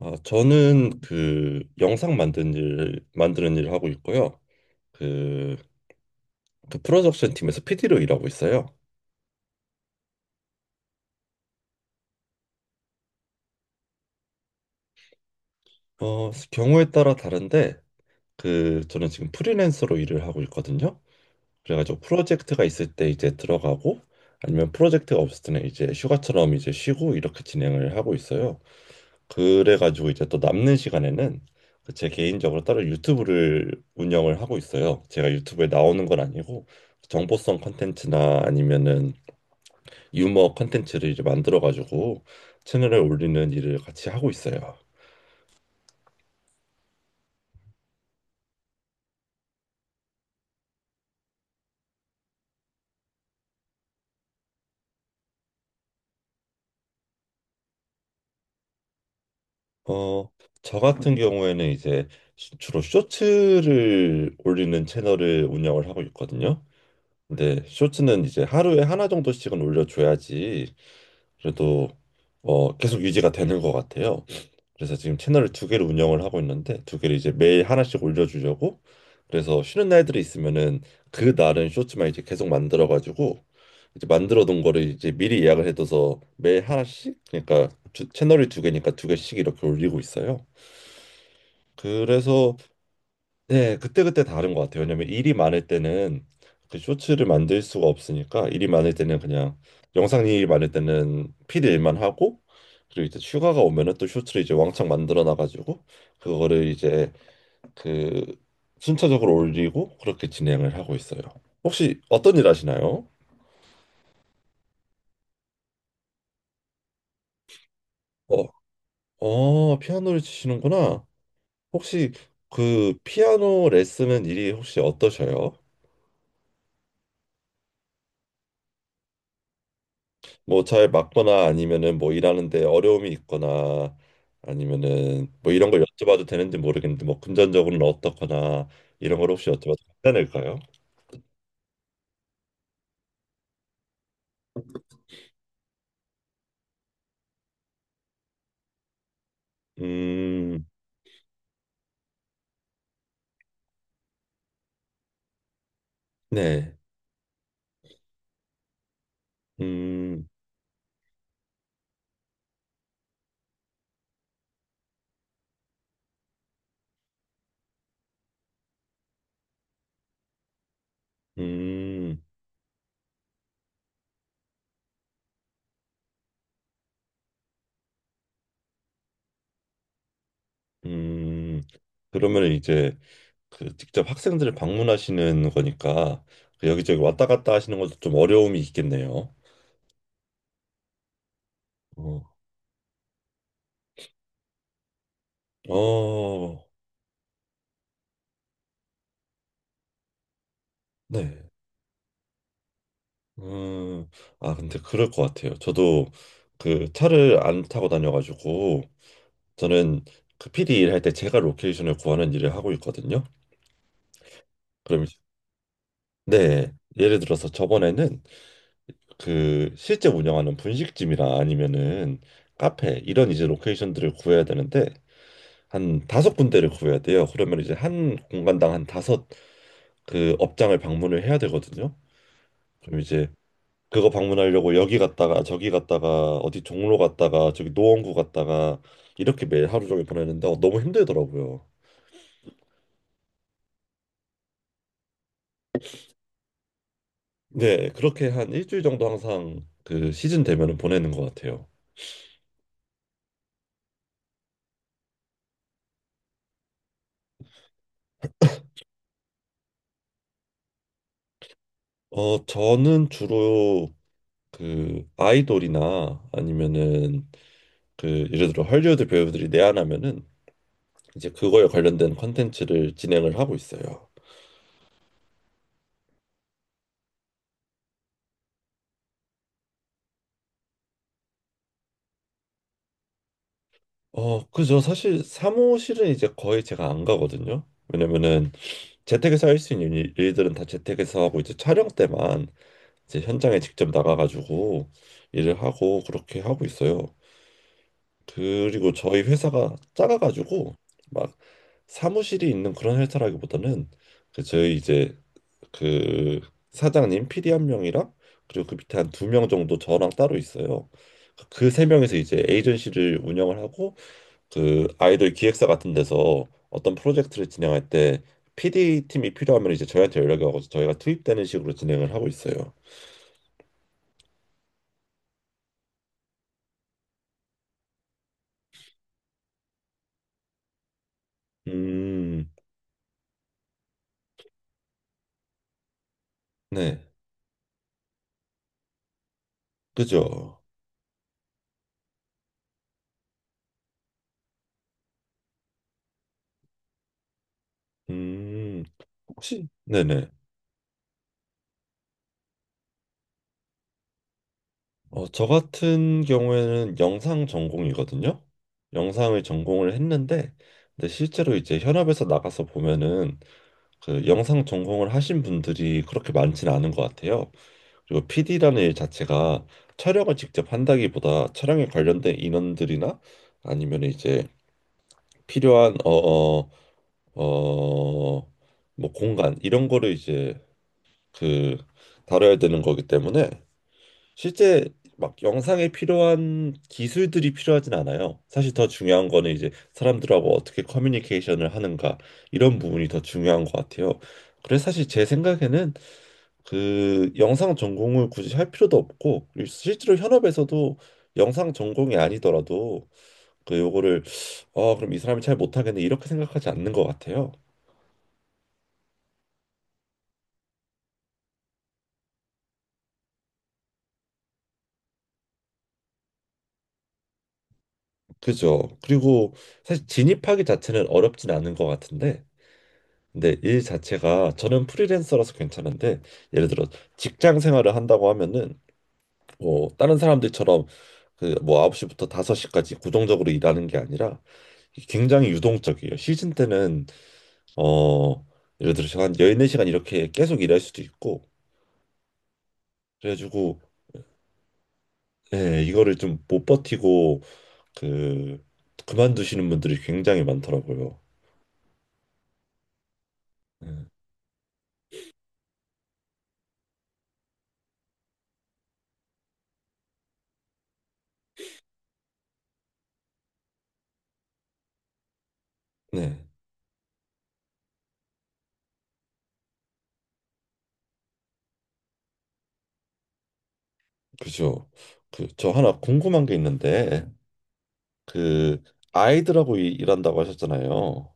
아, 저는 그 영상 만드는 일, 만드는 일을 하고 있고요. 그, 그 프로덕션 팀에서 PD로 일하고 있어요. 어, 경우에 따라 다른데 그 저는 지금 프리랜서로 일을 하고 있거든요. 그래가지고 프로젝트가 있을 때 이제 들어가고 아니면 프로젝트가 없을 때는 이제 휴가처럼 이제 쉬고 이렇게 진행을 하고 있어요. 그래가지고 이제 또 남는 시간에는 그제 개인적으로 따로 유튜브를 운영을 하고 있어요. 제가 유튜브에 나오는 건 아니고 정보성 컨텐츠나 아니면은 유머 컨텐츠를 이제 만들어가지고 채널에 올리는 일을 같이 하고 있어요. 어, 저 같은 경우에는 이제 주로 쇼츠를 올리는 채널을 운영을 하고 있거든요. 근데 쇼츠는 이제 하루에 하나 정도씩은 올려줘야지 그래도 계속 유지가 되는 것 같아요. 그래서 지금 채널을 두 개를 운영을 하고 있는데 두 개를 이제 매일 하나씩 올려주려고. 그래서 쉬는 날들이 있으면은 그 날은 쇼츠만 이제 계속 만들어 가지고 이제 만들어 둔 거를 이제 미리 예약을 해둬서 매일 하나씩, 그러니까 채널이 두 개니까 두 개씩 이렇게 올리고 있어요. 그래서 네, 그때그때 다른 것 같아요. 왜냐면 일이 많을 때는 그 쇼츠를 만들 수가 없으니까, 일이 많을 때는 그냥 영상 일이 많을 때는 필 일만 하고, 그리고 이제 휴가가 오면은 또 쇼츠를 이제 왕창 만들어 놔가지고 그거를 이제, 그, 순차적으로 올리고 그렇게 진행을 하고 있어요. 혹시 어떤 일 하시나요? 어, 어, 피아노를 치시는구나. 혹시 그 피아노 레슨은 일이 혹시 어떠셔요? 뭐 잘 맞거나 아니면은 뭐 일하는데 어려움이 있거나 아니면은 뭐 이런 걸 여쭤봐도 되는지 모르겠는데, 뭐 금전적으로는 어떻거나 이런 걸 혹시 여쭤봐도 괜찮을까요? 음, 네. 음, 음, 음. 그러면 이제 그 직접 학생들을 방문하시는 거니까 그 여기저기 왔다 갔다 하시는 것도 좀 어려움이 있겠네요. 어, 어, 네. 음, 아, 근데 그럴 것 같아요. 저도 그 차를 안 타고 다녀가지고, 저는 그 피디 일할 때 제가 로케이션을 구하는 일을 하고 있거든요. 그럼, 네. 예를 들어서 저번에는 그 실제 운영하는 분식집이나 아니면은 카페, 이런 이제 로케이션들을 구해야 되는데, 한 다섯 군데를 구해야 돼요. 그러면 이제 한 공간당 한 다섯 그 업장을 방문을 해야 되거든요. 그럼 이제 그거 방문하려고 여기 갔다가 저기 갔다가 어디 종로 갔다가 저기 노원구 갔다가 이렇게 매일 하루 종일 보내는데 너무 힘들더라고요. 네, 그렇게 한 일주일 정도 항상 그 시즌 되면은 보내는 것 같아요. 어, 저는 주로 그 아이돌이나 아니면은 그 예를 들어 헐리우드 배우들이 내한하면은 이제 그거에 관련된 컨텐츠를 진행을 하고 있어요. 어, 그죠. 사실 사무실은 이제 거의 제가 안 가거든요. 왜냐면은 재택에서 할 수 있는 일들은 다 재택에서 하고 이제 촬영 때만 이제 현장에 직접 나가가지고 일을 하고 그렇게 하고 있어요. 그리고 저희 회사가 작아가지고 막 사무실이 있는 그런 회사라기보다는 그 저희 이제, 그, 사장님 PD 한 명이랑 그리고 그 밑에 한 두 명 정도 저랑 따로 있어요. 그 세 명에서 이제 에이전시를 운영을 하고, 그 아이돌 기획사 같은 데서 어떤 프로젝트를 진행할 때 PD 팀이 필요하면 이제 저희한테 연락이 와서 저희가 투입되는 식으로 진행을 하고 있어요. 음, 네, 그죠. 음, 혹시, 네네. 어, 저 같은 경우에는 영상 전공이거든요. 영상을 전공을 했는데, 근데 실제로 이제 현업에서 나가서 보면은 그 영상 전공을 하신 분들이 그렇게 많지는 않은 것 같아요. 그리고 PD라는 일 자체가 촬영을 직접 한다기보다 촬영에 관련된 인원들이나 아니면 이제 필요한 어 뭐 공간 이런 거를 이제 그 다뤄야 되는 거기 때문에 실제 막 영상에 필요한 기술들이 필요하진 않아요. 사실 더 중요한 거는 이제 사람들하고 어떻게 커뮤니케이션을 하는가, 이런 부분이 더 중요한 것 같아요. 그래서 사실 제 생각에는 그 영상 전공을 굳이 할 필요도 없고 그리고 실제로 현업에서도 영상 전공이 아니더라도 그 요거를, 아 그럼 이 사람이 잘 못하겠네, 이렇게 생각하지 않는 것 같아요. 그죠? 그리고 사실 진입하기 자체는 어렵진 않은 것 같은데 근데 일 자체가 저는 프리랜서라서 괜찮은데 예를 들어 직장 생활을 한다고 하면은 뭐 다른 사람들처럼 그뭐 9시부터 5시까지 고정적으로 일하는 게 아니라 굉장히 유동적이에요. 시즌 때는 어, 예를 들어서 한 14시간 이렇게 계속 일할 수도 있고, 그래가지고, 예, 이거를 좀 못 버티고, 그, 그만두시는 분들이 굉장히 많더라고요. 예. 네, 그죠. 그, 저 하나 궁금한 게 있는데, 그, 아이들하고 일한다고 하셨잖아요.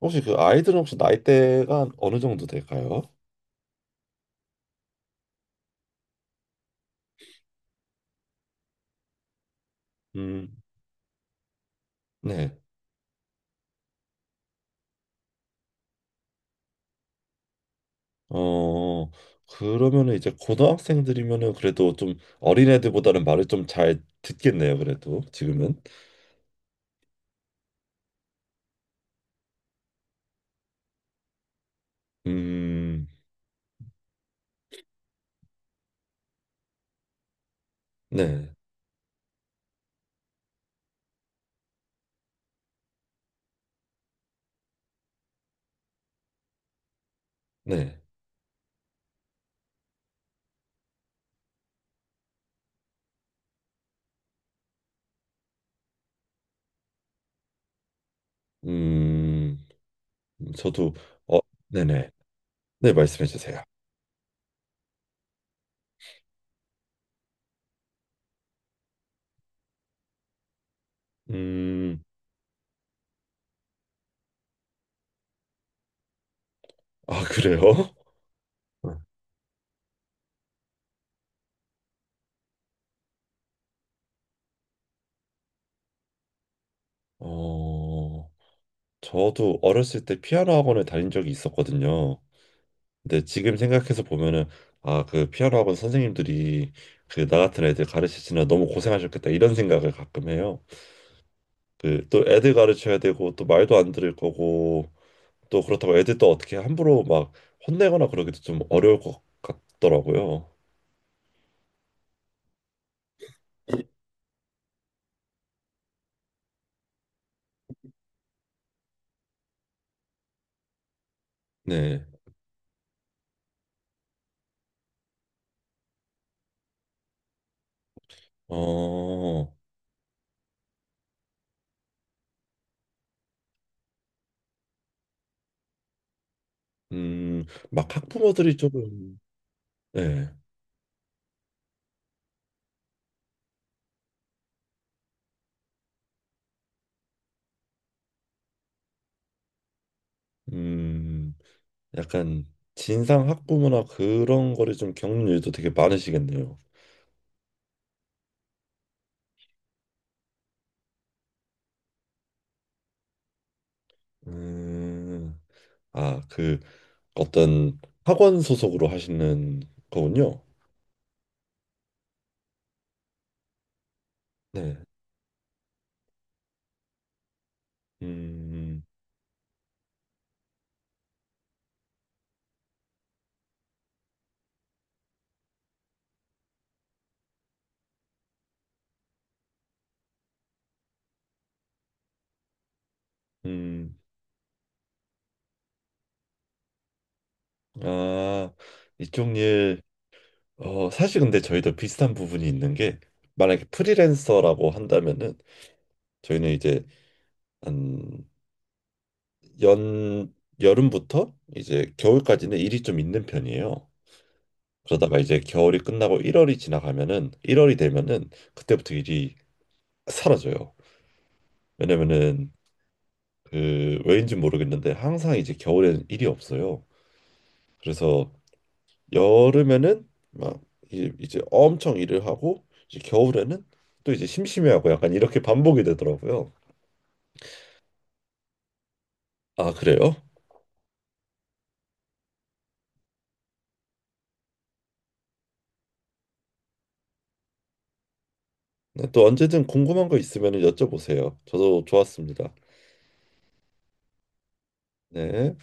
혹시 그 아이들은 혹시 나이대가 어느 정도 될까요? 음, 네. 어, 그러면은 이제 고등학생들이면은 그래도 좀 어린애들보다는 말을 좀 잘 듣겠네요, 그래도 지금은. 음, 네, 네. 음, 저도, 어, 네네. 네, 말씀해 주세요. 음, 아, 그래요? 네. 어, 저도 어렸을 때 피아노 학원을 다닌 적이 있었거든요. 근데 지금 생각해서 보면은, 아, 그 피아노 학원 선생님들이 그 나 같은 애들 가르치시느라 너무 고생하셨겠다, 이런 생각을 가끔 해요. 그 또 애들 가르쳐야 되고 또 말도 안 들을 거고 또 그렇다고 애들 또 어떻게 함부로 막 혼내거나 그러기도 좀 어려울 것 같더라고요. 네. 어, 음, 막 학부모들이 조금, 네, 음, 약간 진상 학부모나 그런 거를 좀 겪는 일도 되게 많으시겠네요. 음, 아, 그 어떤 학원 소속으로 하시는 거군요. 네. 음, 음. 아, 이쪽 일, 어, 사실 근데 저희도 비슷한 부분이 있는 게, 만약에 프리랜서라고 한다면은, 저희는 이제, 한, 연, 여름부터 이제 겨울까지는 일이 좀 있는 편이에요. 그러다가 이제 겨울이 끝나고 1월이 지나가면은, 1월이 되면은, 그때부터 일이 사라져요. 왜냐면은, 그, 왜인지 모르겠는데, 항상 이제 겨울엔 일이 없어요. 그래서 여름에는 막 이제, 이제 엄청 일을 하고 이제 겨울에는 또 이제 심심해하고 약간 이렇게 반복이 되더라고요. 아, 그래요? 네, 또 언제든 궁금한 거 있으면 여쭤보세요. 저도 좋았습니다. 네.